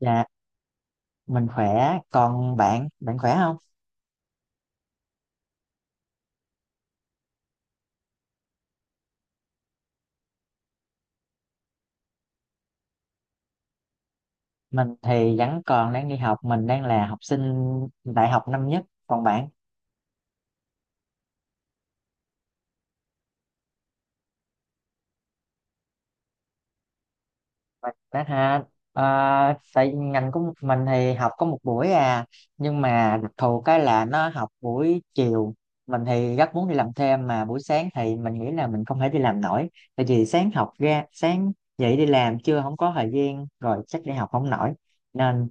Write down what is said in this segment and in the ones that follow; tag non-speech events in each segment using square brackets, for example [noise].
Dạ, mình khỏe, còn bạn, bạn khỏe không? Mình thì vẫn còn đang đi học, mình đang là học sinh đại học năm nhất, còn bạn? Mình đã ha, à, tại ngành của mình thì học có một buổi à, nhưng mà đặc thù cái là nó học buổi chiều, mình thì rất muốn đi làm thêm, mà buổi sáng thì mình nghĩ là mình không thể đi làm nổi, tại vì sáng học ra, sáng dậy đi làm chưa không có thời gian, rồi chắc đi học không nổi, nên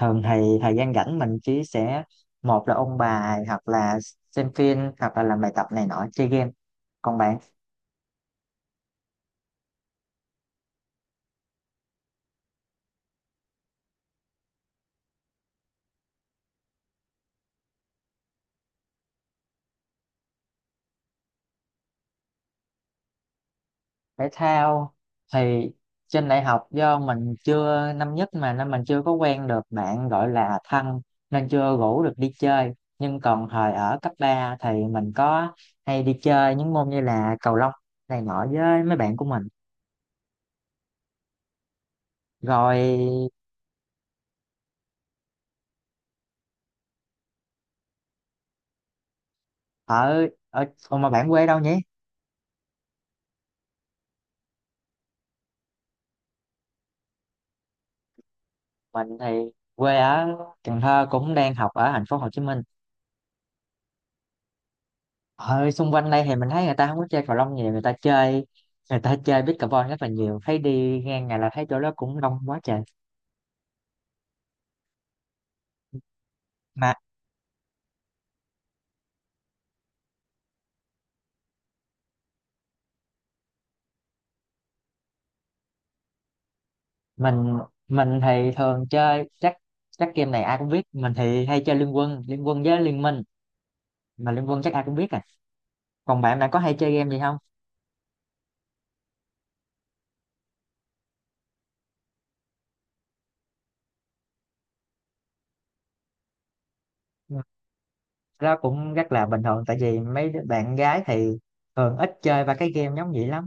thường thì thời gian rảnh mình chỉ sẽ một là ôn bài, hoặc là xem phim, hoặc là làm bài tập này nọ, chơi game. Còn bạn? Thể thao thì trên đại học do mình chưa, năm nhất mà, nên mình chưa có quen được bạn gọi là thân, nên chưa rủ được đi chơi. Nhưng còn thời ở cấp 3 thì mình có hay đi chơi những môn như là cầu lông này nọ với mấy bạn của mình, rồi. Ở ở Ủa mà bạn quê đâu nhỉ? Mình thì quê ở Cần Thơ, cũng đang học ở thành phố Hồ Chí Minh. Ở xung quanh đây thì mình thấy người ta không có chơi cầu lông nhiều, người ta chơi pickleball rất là nhiều, thấy đi ngang ngày là thấy chỗ đó cũng đông quá trời. Mà mình mình thì thường chơi chắc, game này ai cũng biết, mình thì hay chơi Liên Quân, Liên Quân với Liên Minh, mà Liên Quân chắc ai cũng biết à. Còn bạn, bạn có hay chơi game gì không? Ừ, đó cũng rất là bình thường, tại vì mấy đứa bạn gái thì thường ít chơi ba cái game giống vậy lắm.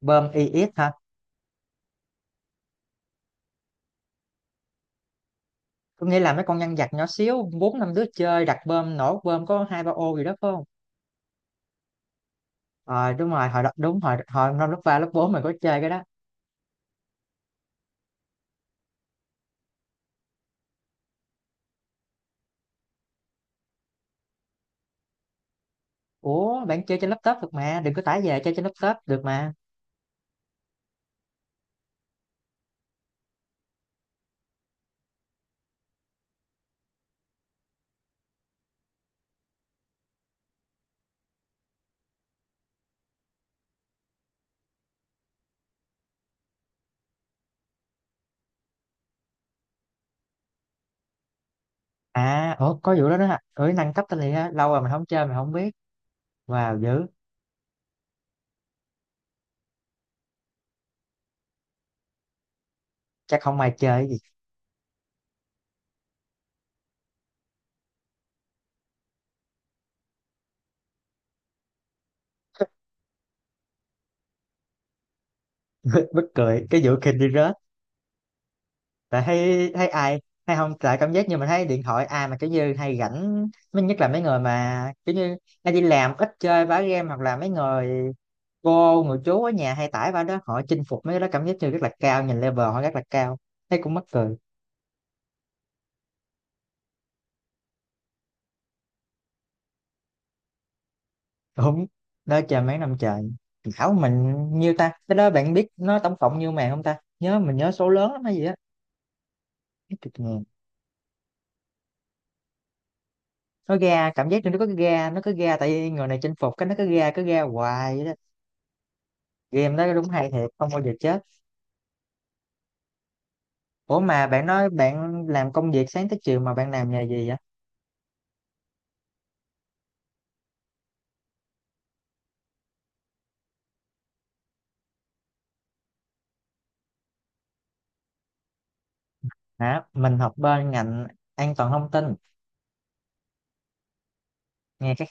Bơm i EX hả? Tôi nghĩ là mấy con nhân vật nhỏ xíu, bốn năm đứa chơi đặt bơm, nổ bơm có hai ba ô gì đó phải không? Ờ đúng rồi, hồi đó đúng, hồi hồi năm lớp ba lớp bốn mình có chơi cái đó. Ủa bạn chơi trên laptop được mà, đừng có tải về, chơi trên laptop được mà. À ủa, có vụ đó đó hả? Ừ, nâng cấp tên liền ha, lâu rồi mình không chơi mình không biết. Wow dữ. Chắc không ai chơi cái gì. [laughs] Bất cười cái vụ kinh đi rớt, tại thấy thấy ai hay không, tại cảm giác như mình thấy điện thoại ai mà kiểu như hay rảnh. Mới nhất là mấy người mà kiểu như hay đi làm ít chơi bá game, hoặc là mấy người cô người chú ở nhà hay tải vào đó, họ chinh phục mấy cái đó cảm giác như rất là cao, nhìn level họ rất là cao, thấy cũng mắc cười. Đúng đó, chờ mấy năm trời. Khảo mình nhiêu ta, cái đó bạn biết nó tổng cộng nhiêu màn không ta, nhớ mình nhớ số lớn lắm hay gì á, mấy chục ngàn. Nó ra cảm giác như nó có cái ga, nó có ga, tại vì người này chinh phục cái nó có ga, cứ ga hoài vậy đó. Game đó đúng hay thiệt, không bao giờ chết. Ủa mà bạn nói bạn làm công việc sáng tới chiều, mà bạn làm nghề gì vậy? Hả, mình học bên ngành an toàn thông tin. Nghe cái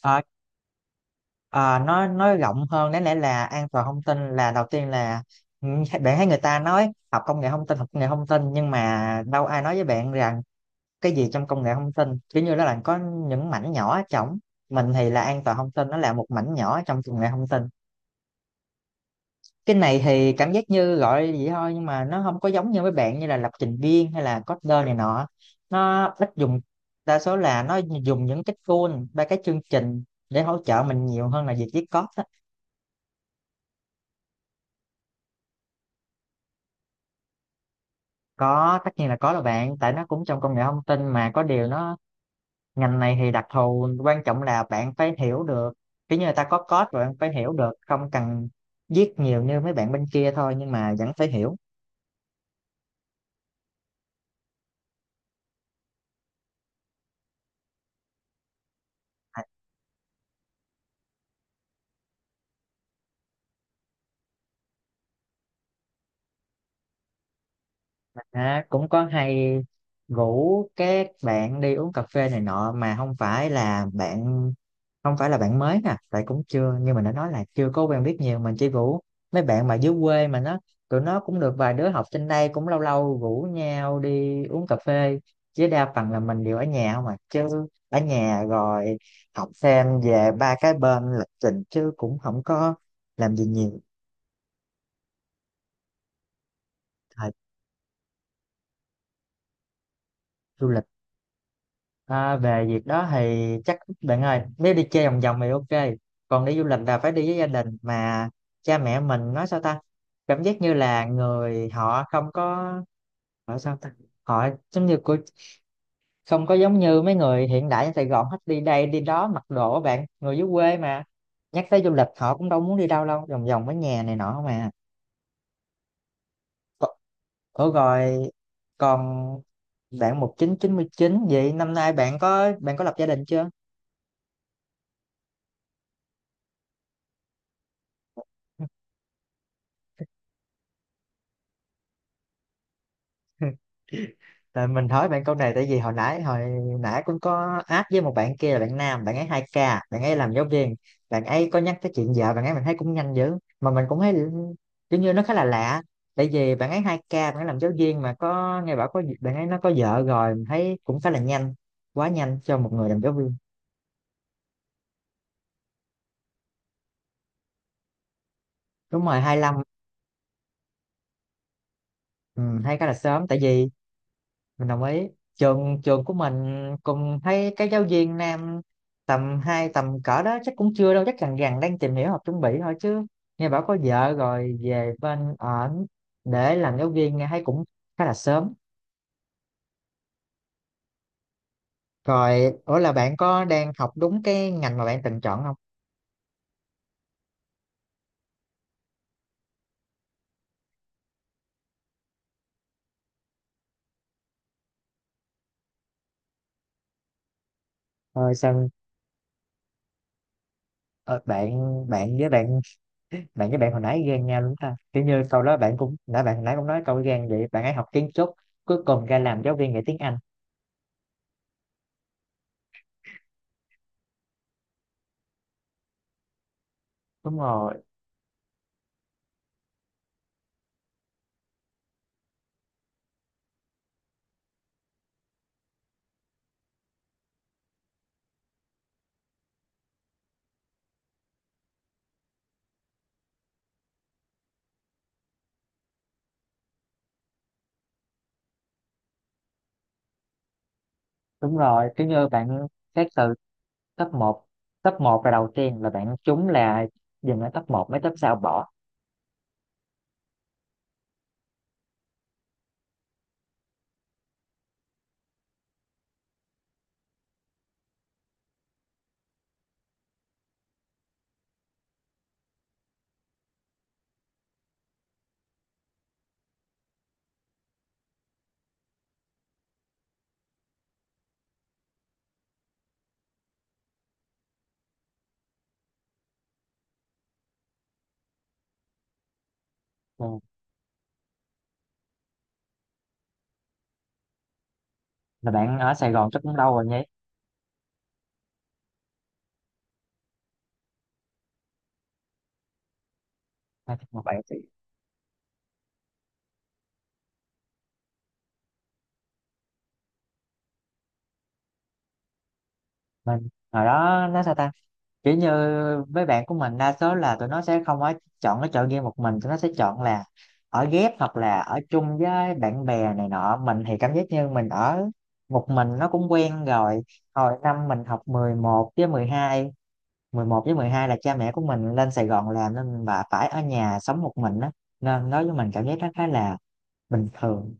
ờ, à, nói rộng hơn, đáng lẽ là an toàn thông tin là đầu tiên là, ừ, bạn thấy người ta nói học công nghệ thông tin, học công nghệ thông tin, nhưng mà đâu ai nói với bạn rằng cái gì trong công nghệ thông tin, kiểu như nó là có những mảnh nhỏ ở trong. Mình thì là an toàn thông tin, nó là một mảnh nhỏ trong công nghệ thông tin. Cái này thì cảm giác như gọi vậy thôi, nhưng mà nó không có giống như với bạn như là lập trình viên hay là coder này nọ, nó ít dùng, đa số là nó dùng những cái tool, ba cái chương trình để hỗ trợ mình, nhiều hơn là việc viết code á. Có, tất nhiên là có rồi bạn, tại nó cũng trong công nghệ thông tin mà, có điều nó ngành này thì đặc thù, quan trọng là bạn phải hiểu được, kiểu như người ta có code rồi bạn phải hiểu được, không cần viết nhiều như mấy bạn bên kia thôi, nhưng mà vẫn phải hiểu. À, cũng có hay rủ các bạn đi uống cà phê này nọ, mà không phải là bạn, mới nè, tại cũng chưa như mình đã nói là chưa có quen biết nhiều, mình chỉ rủ mấy bạn mà dưới quê mà nó, tụi nó cũng được vài đứa học trên đây, cũng lâu lâu rủ nhau đi uống cà phê. Chứ đa phần là mình đều ở nhà không à, chứ ở nhà rồi học xem về ba cái bên lịch trình, chứ cũng không có làm gì nhiều. Thời du lịch. À, về việc đó thì chắc bạn ơi, nếu đi chơi vòng vòng thì ok, còn đi du lịch là phải đi với gia đình mà. Cha mẹ mình nói sao ta, cảm giác như là người họ không có, họ sao ta, họ giống như của, không có giống như mấy người hiện đại ở Sài Gòn hết, đi đây đi đó mặc đồ á bạn, người dưới quê mà, nhắc tới du lịch họ cũng đâu muốn đi đâu, đâu vòng vòng ở nhà này nọ mà. Ủa rồi, còn bạn 1999 vậy năm nay bạn có, bạn có lập gia đình chưa? [laughs] Tại mình hỏi bạn câu này tại vì hồi nãy, cũng có áp với một bạn kia là bạn nam, bạn ấy 2k, bạn ấy làm giáo viên, bạn ấy có nhắc tới chuyện vợ bạn ấy mình thấy cũng nhanh dữ. Mà mình cũng thấy kiểu như nó khá là lạ, tại vì bạn ấy 2k, bạn ấy làm giáo viên mà có nghe bảo có, bạn ấy nó có vợ rồi, mình thấy cũng khá là nhanh, quá nhanh cho một người làm giáo viên. Đúng rồi, 25. Ừ, hay khá là sớm, tại vì mình đồng ý. Trường trường của mình cùng thấy cái giáo viên nam, tầm hai, tầm cỡ đó chắc cũng chưa đâu, chắc gần gần đang tìm hiểu hoặc chuẩn bị thôi, chứ nghe bảo có vợ rồi về bên ở, để làm giáo viên nghe thấy cũng khá là sớm. Rồi, ủa là bạn có đang học đúng cái ngành mà bạn từng chọn không? Ờ, sao? Ờ, bạn, bạn với bạn bạn với bạn hồi nãy ghen nhau đúng ta, kiểu như câu đó bạn cũng, bạn hồi nãy cũng nói câu ghen vậy, bạn ấy học kiến trúc cuối cùng ra làm giáo viên dạy tiếng Anh. Đúng rồi. Đúng rồi, kiểu như bạn xét từ top một, là đầu tiên là bạn trúng là dừng ở top một, mấy top sau bỏ. Ừ, là bạn ở Sài Gòn chắc cũng lâu rồi nhỉ? Hai top một bạn thì mình hồi đó nó sao ta, kiểu như mấy bạn của mình đa số là tụi nó sẽ không có chọn cái chợ game một mình, tụi nó sẽ chọn là ở ghép hoặc là ở chung với bạn bè này nọ, mình thì cảm giác như mình ở một mình nó cũng quen rồi. Hồi năm mình học 11 với 12. 11 với 12 là cha mẹ của mình lên Sài Gòn làm, nên bà phải ở nhà sống một mình á, nên đối với mình cảm giác nó khá là bình thường.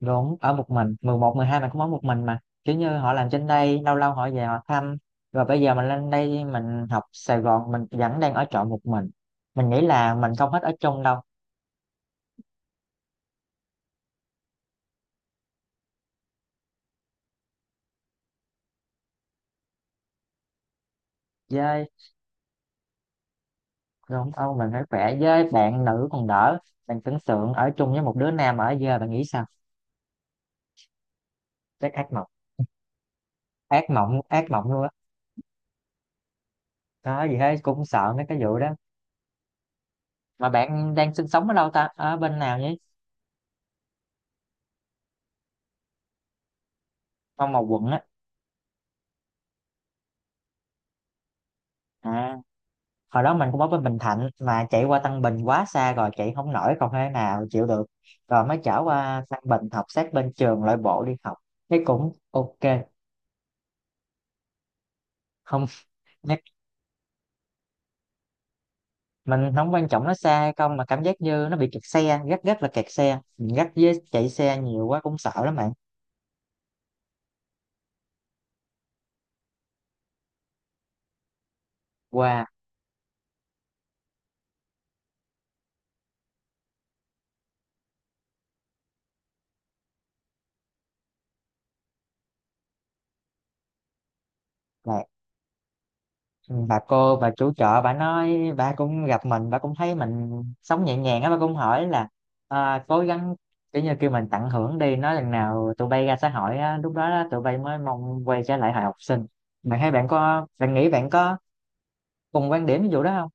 Đúng, ở một mình, 11 12 mình cũng ở một mình, mà kiểu như họ làm trên đây lâu lâu họ về họ thăm, rồi bây giờ mình lên đây mình học Sài Gòn mình vẫn đang ở trọ một mình. Mình nghĩ là mình không hết ở chung đâu. Với đúng không, mình phải khỏe, với bạn nữ còn đỡ, bạn tưởng tượng ở chung với một đứa nam ở giờ bạn nghĩ sao, chắc ác mộng. Ác mộng, ác mộng luôn á. Đó gì hết, cũng sợ mấy cái vụ đó. Mà bạn đang sinh sống ở đâu ta, ở bên nào nhỉ? Trong một quận á? À, hồi đó mình cũng ở bên Bình Thạnh, mà chạy qua Tân Bình quá xa rồi chạy không nổi, còn thế nào chịu được, rồi mới trở qua Tân Bình học sát bên trường loại bộ đi học, thấy cũng ok. Không. [laughs] Nhắc- mình không quan trọng nó xa hay không, mà cảm giác như nó bị kẹt xe, rất rất là kẹt xe, mình gắt với chạy xe nhiều quá cũng sợ lắm bạn. Qua. Ừ, bà cô bà chủ chợ bà nói, bà cũng gặp mình bà cũng thấy mình sống nhẹ nhàng á, bà cũng hỏi là à, cố gắng, kiểu như kêu mình tận hưởng đi, nói lần nào tụi bay ra xã hội á, lúc đó đó, tụi bay mới mong quay trở lại hồi học sinh. Bạn thấy bạn có, bạn nghĩ bạn có cùng quan điểm ví dụ đó không?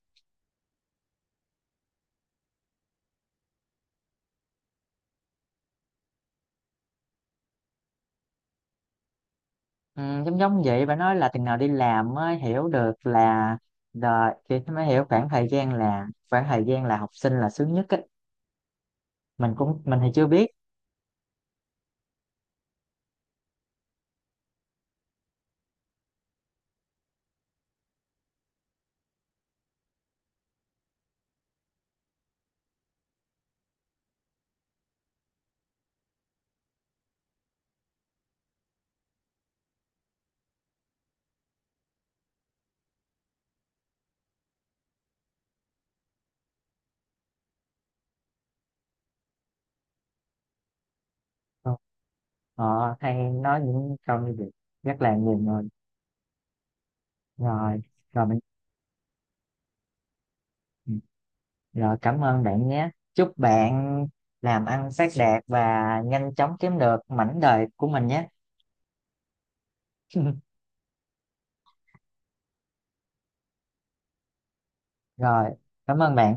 Ừ, giống giống vậy, bà nói là từng nào đi làm mới hiểu được là đời, thì mới hiểu khoảng thời gian là, khoảng thời gian là học sinh là sướng nhất á. Mình cũng, mình thì chưa biết. ờ, hay nói những câu như vậy rất là nhiều người. Rồi, rồi mình, ừ, rồi cảm ơn bạn nhé, chúc bạn làm ăn phát đạt và nhanh chóng kiếm được mảnh đời của mình nhé. [laughs] Rồi, cảm ơn bạn.